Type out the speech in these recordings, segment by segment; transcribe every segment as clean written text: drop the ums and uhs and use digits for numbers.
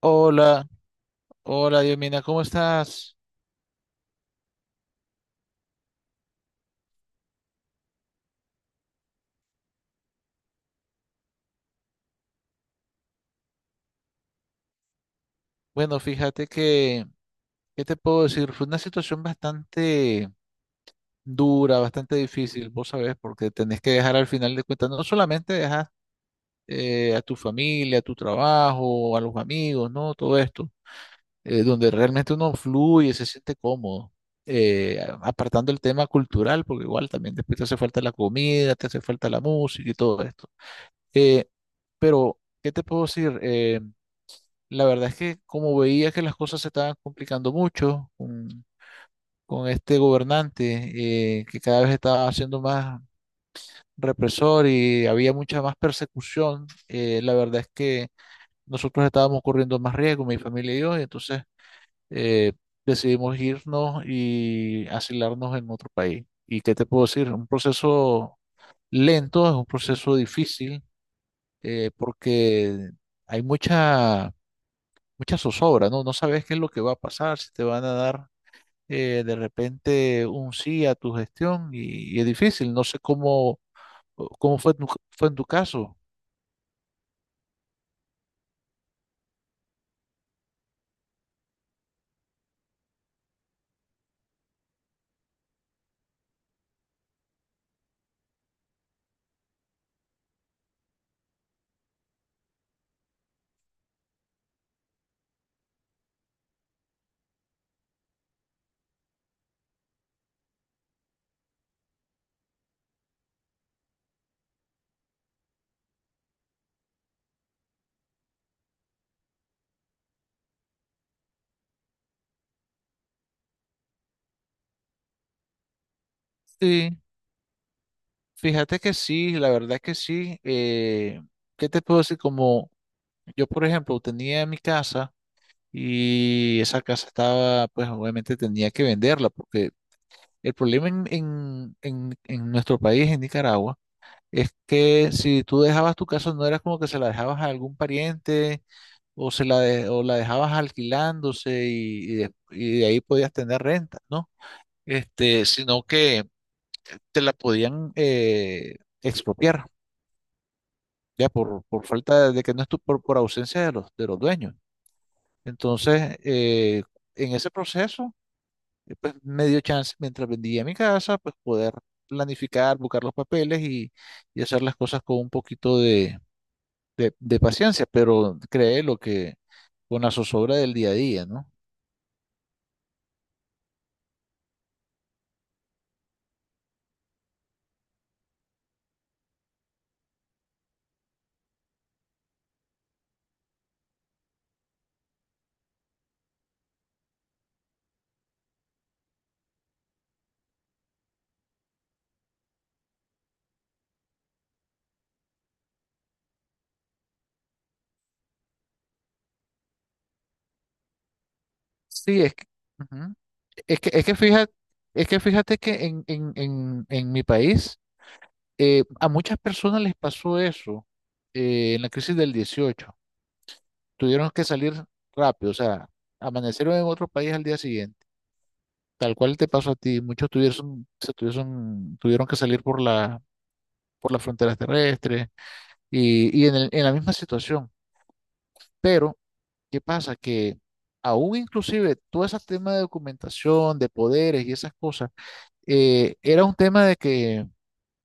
Hola, hola Diomina, ¿cómo estás? Bueno, fíjate que, ¿qué te puedo decir? Fue una situación bastante dura, bastante difícil, vos sabés, porque tenés que dejar al final de cuentas, no solamente dejas a tu familia, a tu trabajo, a los amigos, ¿no? Todo esto, donde realmente uno fluye, se siente cómodo, apartando el tema cultural, porque igual también después te hace falta la comida, te hace falta la música y todo esto. Eh, pero, ¿qué te puedo decir? La verdad es que como veía que las cosas se estaban complicando mucho con este gobernante, que cada vez estaba siendo más represor y había mucha más persecución. La verdad es que nosotros estábamos corriendo más riesgo, mi familia y yo, y entonces eh, decidimos irnos y asilarnos en otro país. ¿Y qué te puedo decir? Un proceso lento, es un proceso difícil, porque hay mucha mucha zozobra, ¿no? No sabes qué es lo que va a pasar, si te van a dar de repente un sí a tu gestión, y es difícil, no sé cómo fue, fue en tu caso. Sí, fíjate que sí, la verdad que sí. ¿Qué te puedo decir? Como yo, por ejemplo, tenía mi casa y esa casa estaba, pues obviamente tenía que venderla porque el problema en nuestro país, en Nicaragua, es que si tú dejabas tu casa, no era como que se la dejabas a algún pariente, o la dejabas alquilándose, y de ahí podías tener renta, ¿no? Este, sino que te la podían expropiar, ya por falta de que no estuvo, por ausencia de los dueños. Entonces, en ese proceso, pues me dio chance, mientras vendía mi casa, pues poder planificar, buscar los papeles y hacer las cosas con un poquito de paciencia, pero cree lo que con la zozobra del día a día, ¿no? Sí, es que, ujú. Es que, es que fíjate, es que fíjate que en mi país a muchas personas les pasó eso, en la crisis del 18. Tuvieron que salir rápido, o sea, amanecieron en otro país al día siguiente. Tal cual te pasó a ti, muchos tuvieron que salir por las fronteras terrestres y en la misma situación. Pero ¿qué pasa? Que aún inclusive todo ese tema de documentación, de poderes y esas cosas, era un tema de que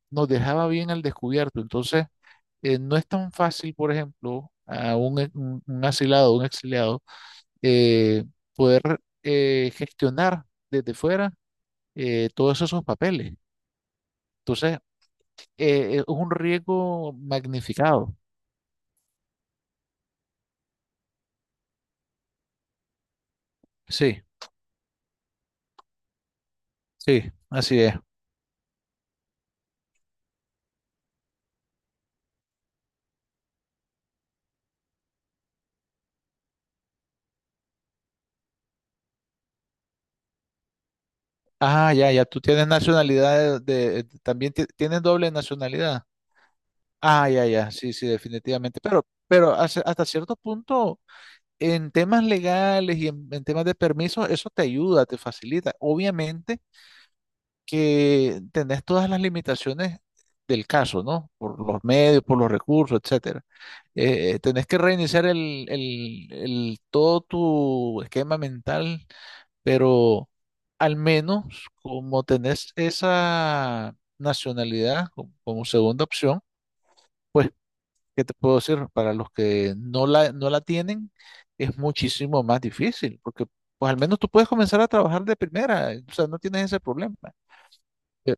nos dejaba bien al descubierto. Entonces, no es tan fácil, por ejemplo, a un asilado, un exiliado, eh, poder gestionar desde fuera todos esos papeles. Entonces, es un riesgo magnificado. Sí, sí, así es. Ah, ya, ya, tú tienes nacionalidad también tienes doble nacionalidad. Ah, ya, ya, sí, sí, definitivamente. Pero hasta cierto punto, en temas legales y en temas de permisos, eso te ayuda, te facilita. Obviamente que tenés todas las limitaciones del caso, ¿no? Por los medios, por los recursos, etcétera. Tenés que reiniciar todo tu esquema mental, pero al menos como tenés esa nacionalidad como segunda opción, pues, ¿qué te puedo decir? Para los que no la tienen, es muchísimo más difícil, porque pues al menos tú puedes comenzar a trabajar de primera, o sea, no tienes ese problema. Eh,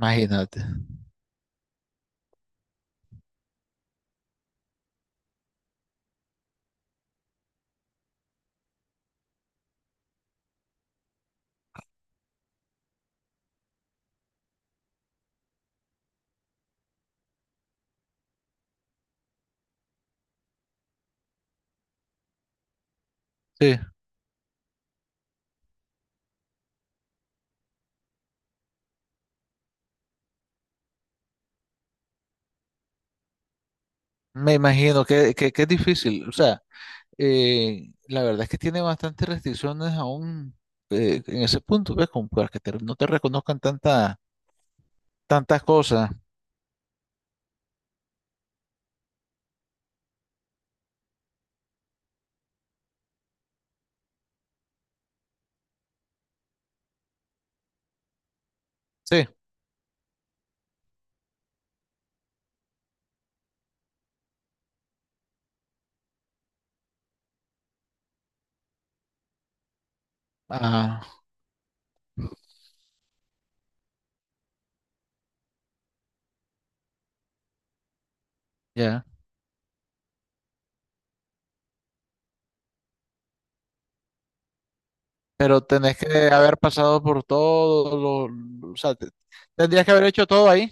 Imagínate. Sí, me imagino que es difícil, o sea, la verdad es que tiene bastantes restricciones aún, en ese punto, ¿ves? Como para que no te reconozcan tanta, tantas cosas. Sí. Ah, ya. Pero tenés que haber pasado por todo lo, o sea, tendrías que haber hecho todo ahí.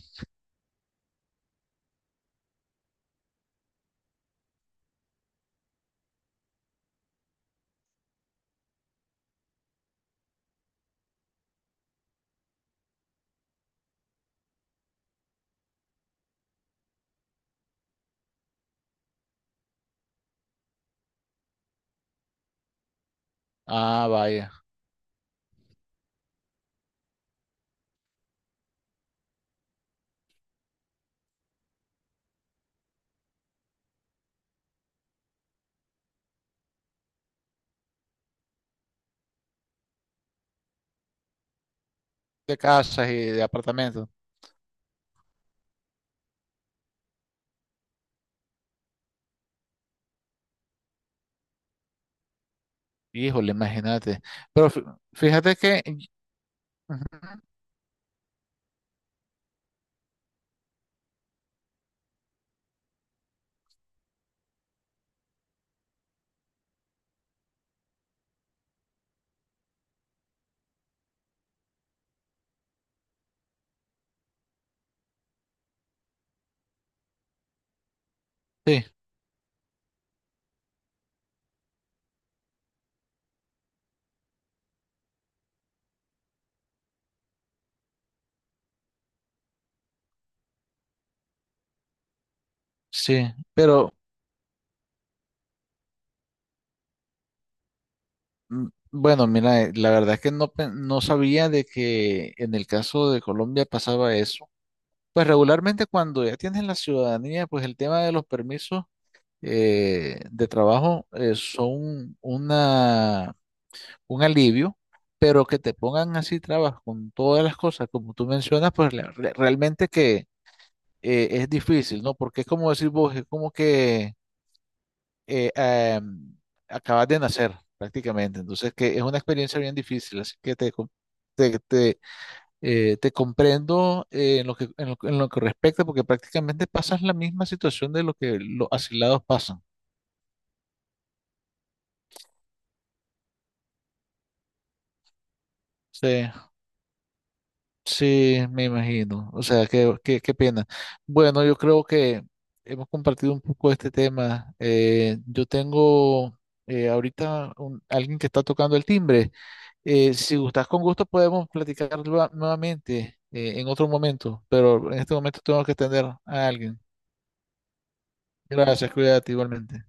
Ah, vaya. De casas y de apartamentos. Híjole, imagínate. Pero fíjate que, ujú, sí, sí, pero mm, bueno, mira, la verdad es que no sabía de que en el caso de Colombia pasaba eso. Pues regularmente cuando ya tienes la ciudadanía, pues el tema de los permisos de trabajo son una un alivio, pero que te pongan así trabas con todas las cosas, como tú mencionas, pues realmente que es difícil, ¿no? Porque es como decir vos, es como que eh, am, acabas de nacer prácticamente, entonces que es una experiencia bien difícil, así que te, te, te comprendo en lo que, en lo que respecta, porque prácticamente pasas la misma situación de lo que los asilados pasan. Sí. Sí, me imagino. O sea, qué pena. Bueno, yo creo que hemos compartido un poco este tema. Yo tengo ahorita alguien que está tocando el timbre. Si gustas con gusto podemos platicar nuevamente en otro momento, pero en este momento tengo que atender a alguien. Gracias, cuídate igualmente.